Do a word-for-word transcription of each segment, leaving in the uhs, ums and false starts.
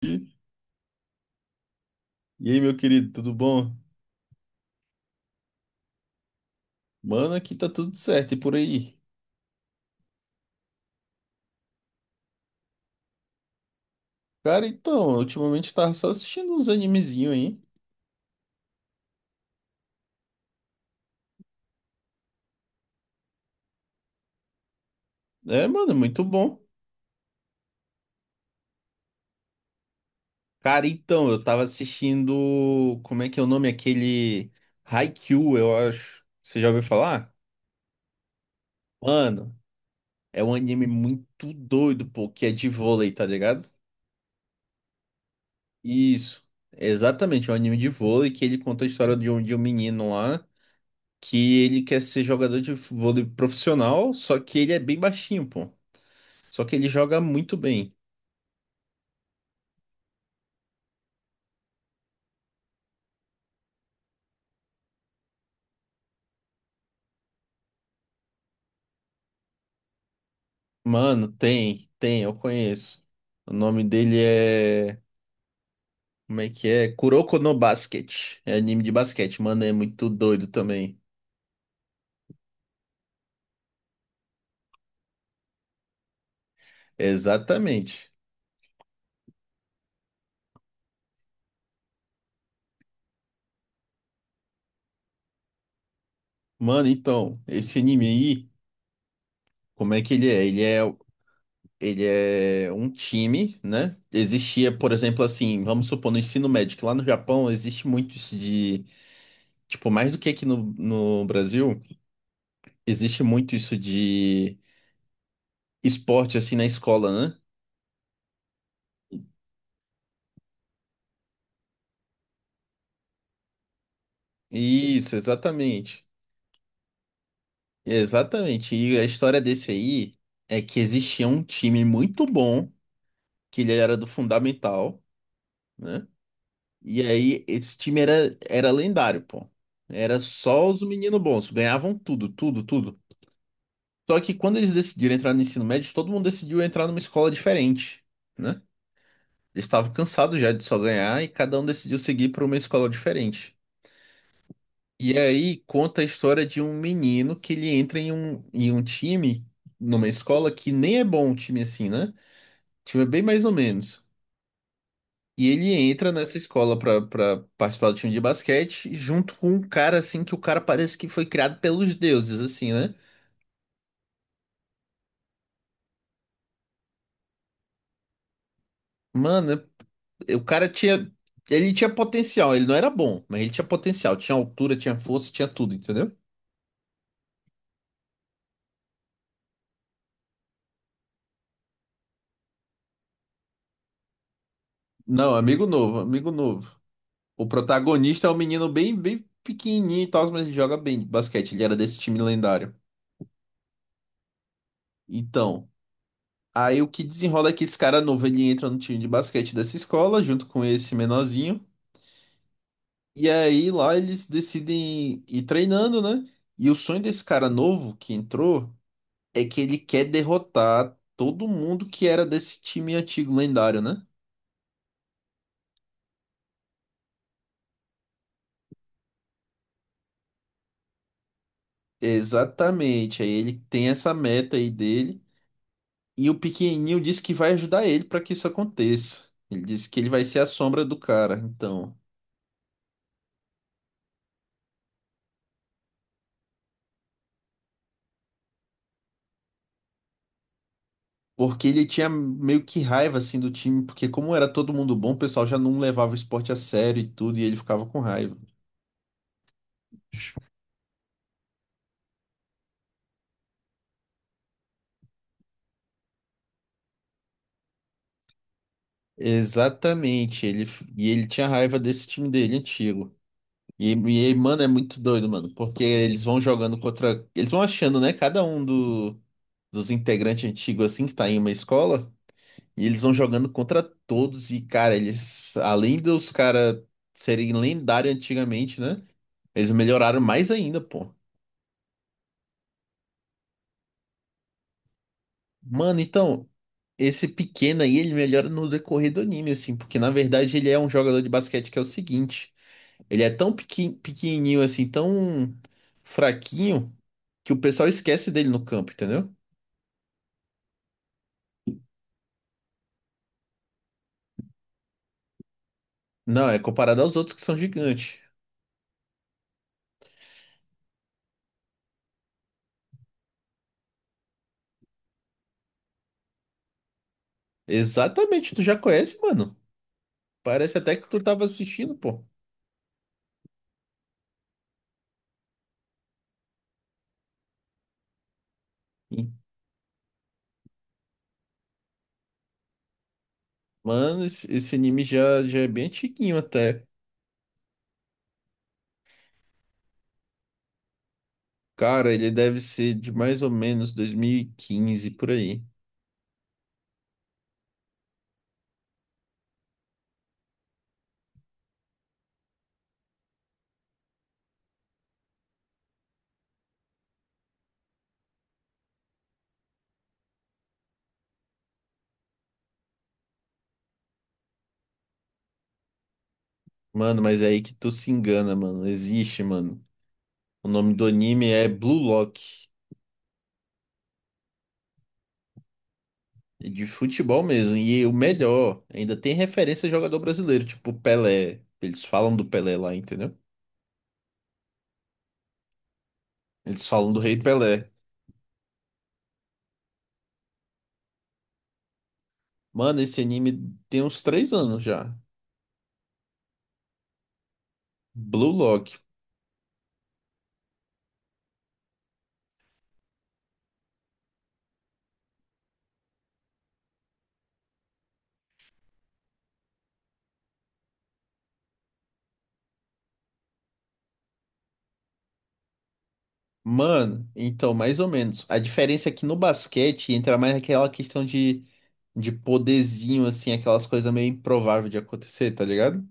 E aí, meu querido, tudo bom? Mano, aqui tá tudo certo e por aí. Cara, então, ultimamente eu tava só assistindo uns animezinhos aí. É, mano, muito bom. Cara, então, eu tava assistindo. Como é que é o nome? Aquele Haikyuu, eu acho. Você já ouviu falar? Mano, é um anime muito doido, pô, que é de vôlei, tá ligado? Isso, exatamente, é um anime de vôlei que ele conta a história de um, de um menino lá que ele quer ser jogador de vôlei profissional, só que ele é bem baixinho, pô. Só que ele joga muito bem. Mano, tem, tem, eu conheço. O nome dele é. Como é que é? Kuroko no Basket. É anime de basquete. Mano, é muito doido também. Exatamente. Mano, então, esse anime aí, como é que ele é? Ele é, ele é um time, né? Existia, por exemplo, assim, vamos supor, no ensino médio, que lá no Japão existe muito isso de. Tipo, mais do que aqui no, no Brasil, existe muito isso de esporte, assim, na escola, né? Isso, exatamente. Exatamente. E a história desse aí é que existia um time muito bom, que ele era do Fundamental, né? E aí esse time era, era lendário, pô. Era só os meninos bons, ganhavam tudo, tudo, tudo. Só que quando eles decidiram entrar no ensino médio, todo mundo decidiu entrar numa escola diferente, né? Eles estavam cansados já de só ganhar e cada um decidiu seguir para uma escola diferente. E aí conta a história de um menino que ele entra em um, em um time, numa escola que nem é bom um time assim, né? O time é bem mais ou menos. E ele entra nessa escola pra, pra participar do time de basquete, junto com um cara assim, que o cara parece que foi criado pelos deuses, assim, né? Mano, é- o cara tinha. Ele tinha potencial, ele não era bom, mas ele tinha potencial, tinha altura, tinha força, tinha tudo, entendeu? Não, amigo novo, amigo novo. O protagonista é um menino bem, bem pequenininho e tal, mas ele joga bem de basquete. Ele era desse time lendário. Então, aí o que desenrola é que esse cara novo, ele entra no time de basquete dessa escola, junto com esse menorzinho. E aí lá eles decidem ir treinando, né? E o sonho desse cara novo que entrou é que ele quer derrotar todo mundo que era desse time antigo lendário, né? Exatamente. Aí ele tem essa meta aí dele. E o pequenininho disse que vai ajudar ele para que isso aconteça. Ele disse que ele vai ser a sombra do cara, então. Porque ele tinha meio que raiva assim do time, porque como era todo mundo bom, o pessoal já não levava o esporte a sério e tudo, e ele ficava com raiva. Exatamente, ele e ele tinha raiva desse time dele antigo. E, e, mano, é muito doido, mano, porque eles vão jogando contra, eles vão achando, né, cada um do, dos integrantes antigos assim que tá em uma escola. E eles vão jogando contra todos e, cara, eles, além dos caras serem lendários antigamente, né? Eles melhoraram mais ainda, pô. Mano, então, esse pequeno aí, ele melhora no decorrer do anime, assim, porque na verdade ele é um jogador de basquete que é o seguinte: ele é tão pequen- pequenininho, assim, tão fraquinho, que o pessoal esquece dele no campo, entendeu? Não, é comparado aos outros que são gigantes. Exatamente, tu já conhece, mano. Parece até que tu tava assistindo, pô. Mano, esse esse anime já, já é bem antiguinho até. Cara, ele deve ser de mais ou menos dois mil e quinze por aí. Mano, mas é aí que tu se engana, mano. Existe, mano. O nome do anime é Blue Lock. É de futebol mesmo. E o melhor, ainda tem referência a jogador brasileiro, tipo Pelé. Eles falam do Pelé lá, entendeu? Eles falam do Rei Pelé. Mano, esse anime tem uns três anos já. Blue Lock. Mano, então, mais ou menos. A diferença é que no basquete entra mais aquela questão de, de poderzinho, assim, aquelas coisas meio improváveis de acontecer, tá ligado?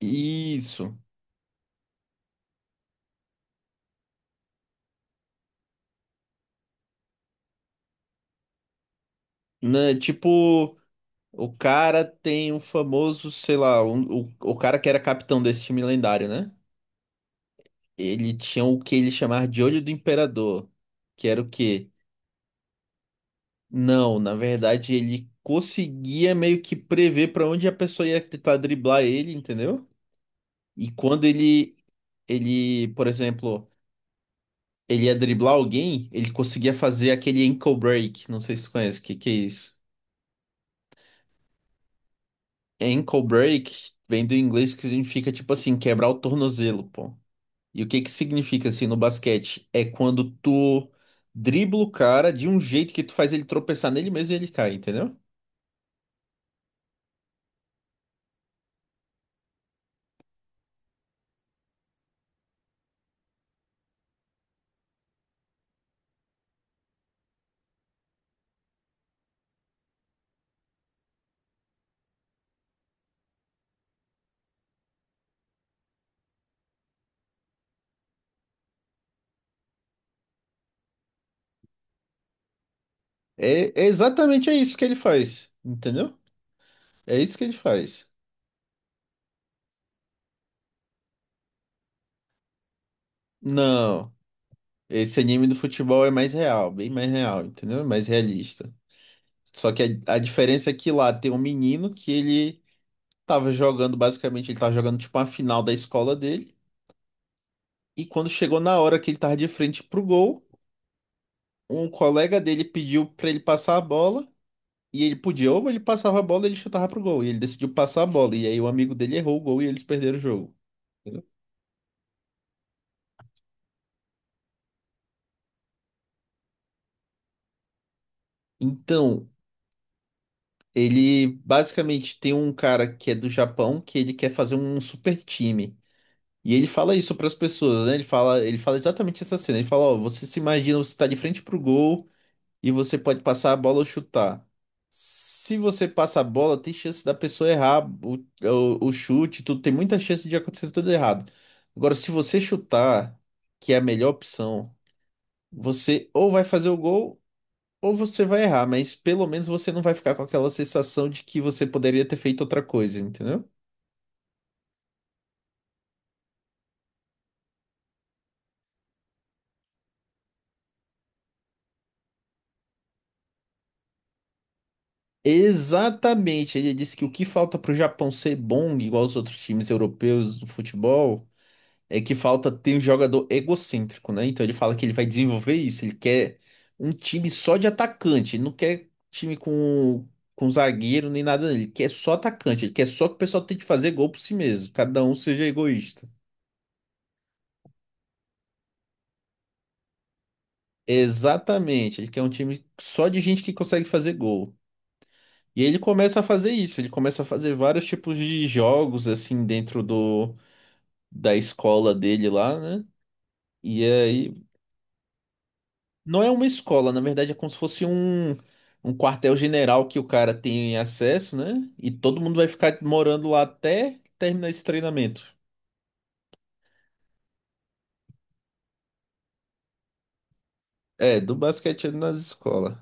Isso. Né? Tipo, o cara tem um famoso, sei lá, um- o, o cara que era capitão desse time lendário, né? Ele tinha o que ele chamava de olho do imperador, que era o quê? Não, na verdade ele conseguia meio que prever pra onde a pessoa ia tentar driblar ele, entendeu? E quando ele, ele, por exemplo, ele ia driblar alguém, ele conseguia fazer aquele ankle break. Não sei se você conhece, o que que é isso? Ankle break vem do inglês que significa, tipo assim, quebrar o tornozelo, pô. E o que que significa, assim, no basquete? É quando tu dribla o cara de um jeito que tu faz ele tropeçar nele mesmo e ele cai, entendeu? É, é exatamente é isso que ele faz, entendeu? É isso que ele faz. Não, esse anime do futebol é mais real, bem mais real, entendeu? É mais realista. Só que a, a diferença é que lá tem um menino que ele tava jogando, basicamente, ele tava jogando tipo uma final da escola dele. E quando chegou na hora que ele tava de frente pro gol, um colega dele pediu pra ele passar a bola. E ele podia, ou ele passava a bola e ele chutava pro gol. E ele decidiu passar a bola. E aí o amigo dele errou o gol e eles perderam o jogo. Entendeu? Então, ele basicamente tem um cara que é do Japão que ele quer fazer um super time. E ele fala isso para as pessoas, né? Ele fala, ele fala exatamente essa cena. Ele fala, ó, você se imagina, você está de frente pro gol e você pode passar a bola ou chutar. Se você passa a bola, tem chance da pessoa errar o, o, o chute, tudo, tem muita chance de acontecer tudo errado. Agora, se você chutar, que é a melhor opção, você ou vai fazer o gol ou você vai errar, mas pelo menos você não vai ficar com aquela sensação de que você poderia ter feito outra coisa, entendeu? Exatamente, ele disse que o que falta para o Japão ser bom, igual os outros times europeus do futebol, é que falta ter um jogador egocêntrico, né? Então ele fala que ele vai desenvolver isso, ele quer um time só de atacante, ele não quer time com, com zagueiro nem nada, ele quer só atacante, ele quer só que o pessoal tente fazer gol por si mesmo, cada um seja egoísta. Exatamente, ele quer um time só de gente que consegue fazer gol. E aí ele começa a fazer isso, ele começa a fazer vários tipos de jogos assim dentro do da escola dele lá, né? E aí, não é uma escola, na verdade é como se fosse um, um quartel-general que o cara tem acesso, né? E todo mundo vai ficar morando lá até terminar esse treinamento. É, do basquete nas escolas.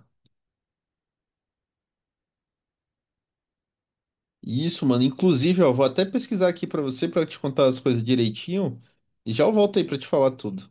Isso, mano. Inclusive, ó, vou até pesquisar aqui pra você pra te contar as coisas direitinho e já eu volto aí pra te falar tudo.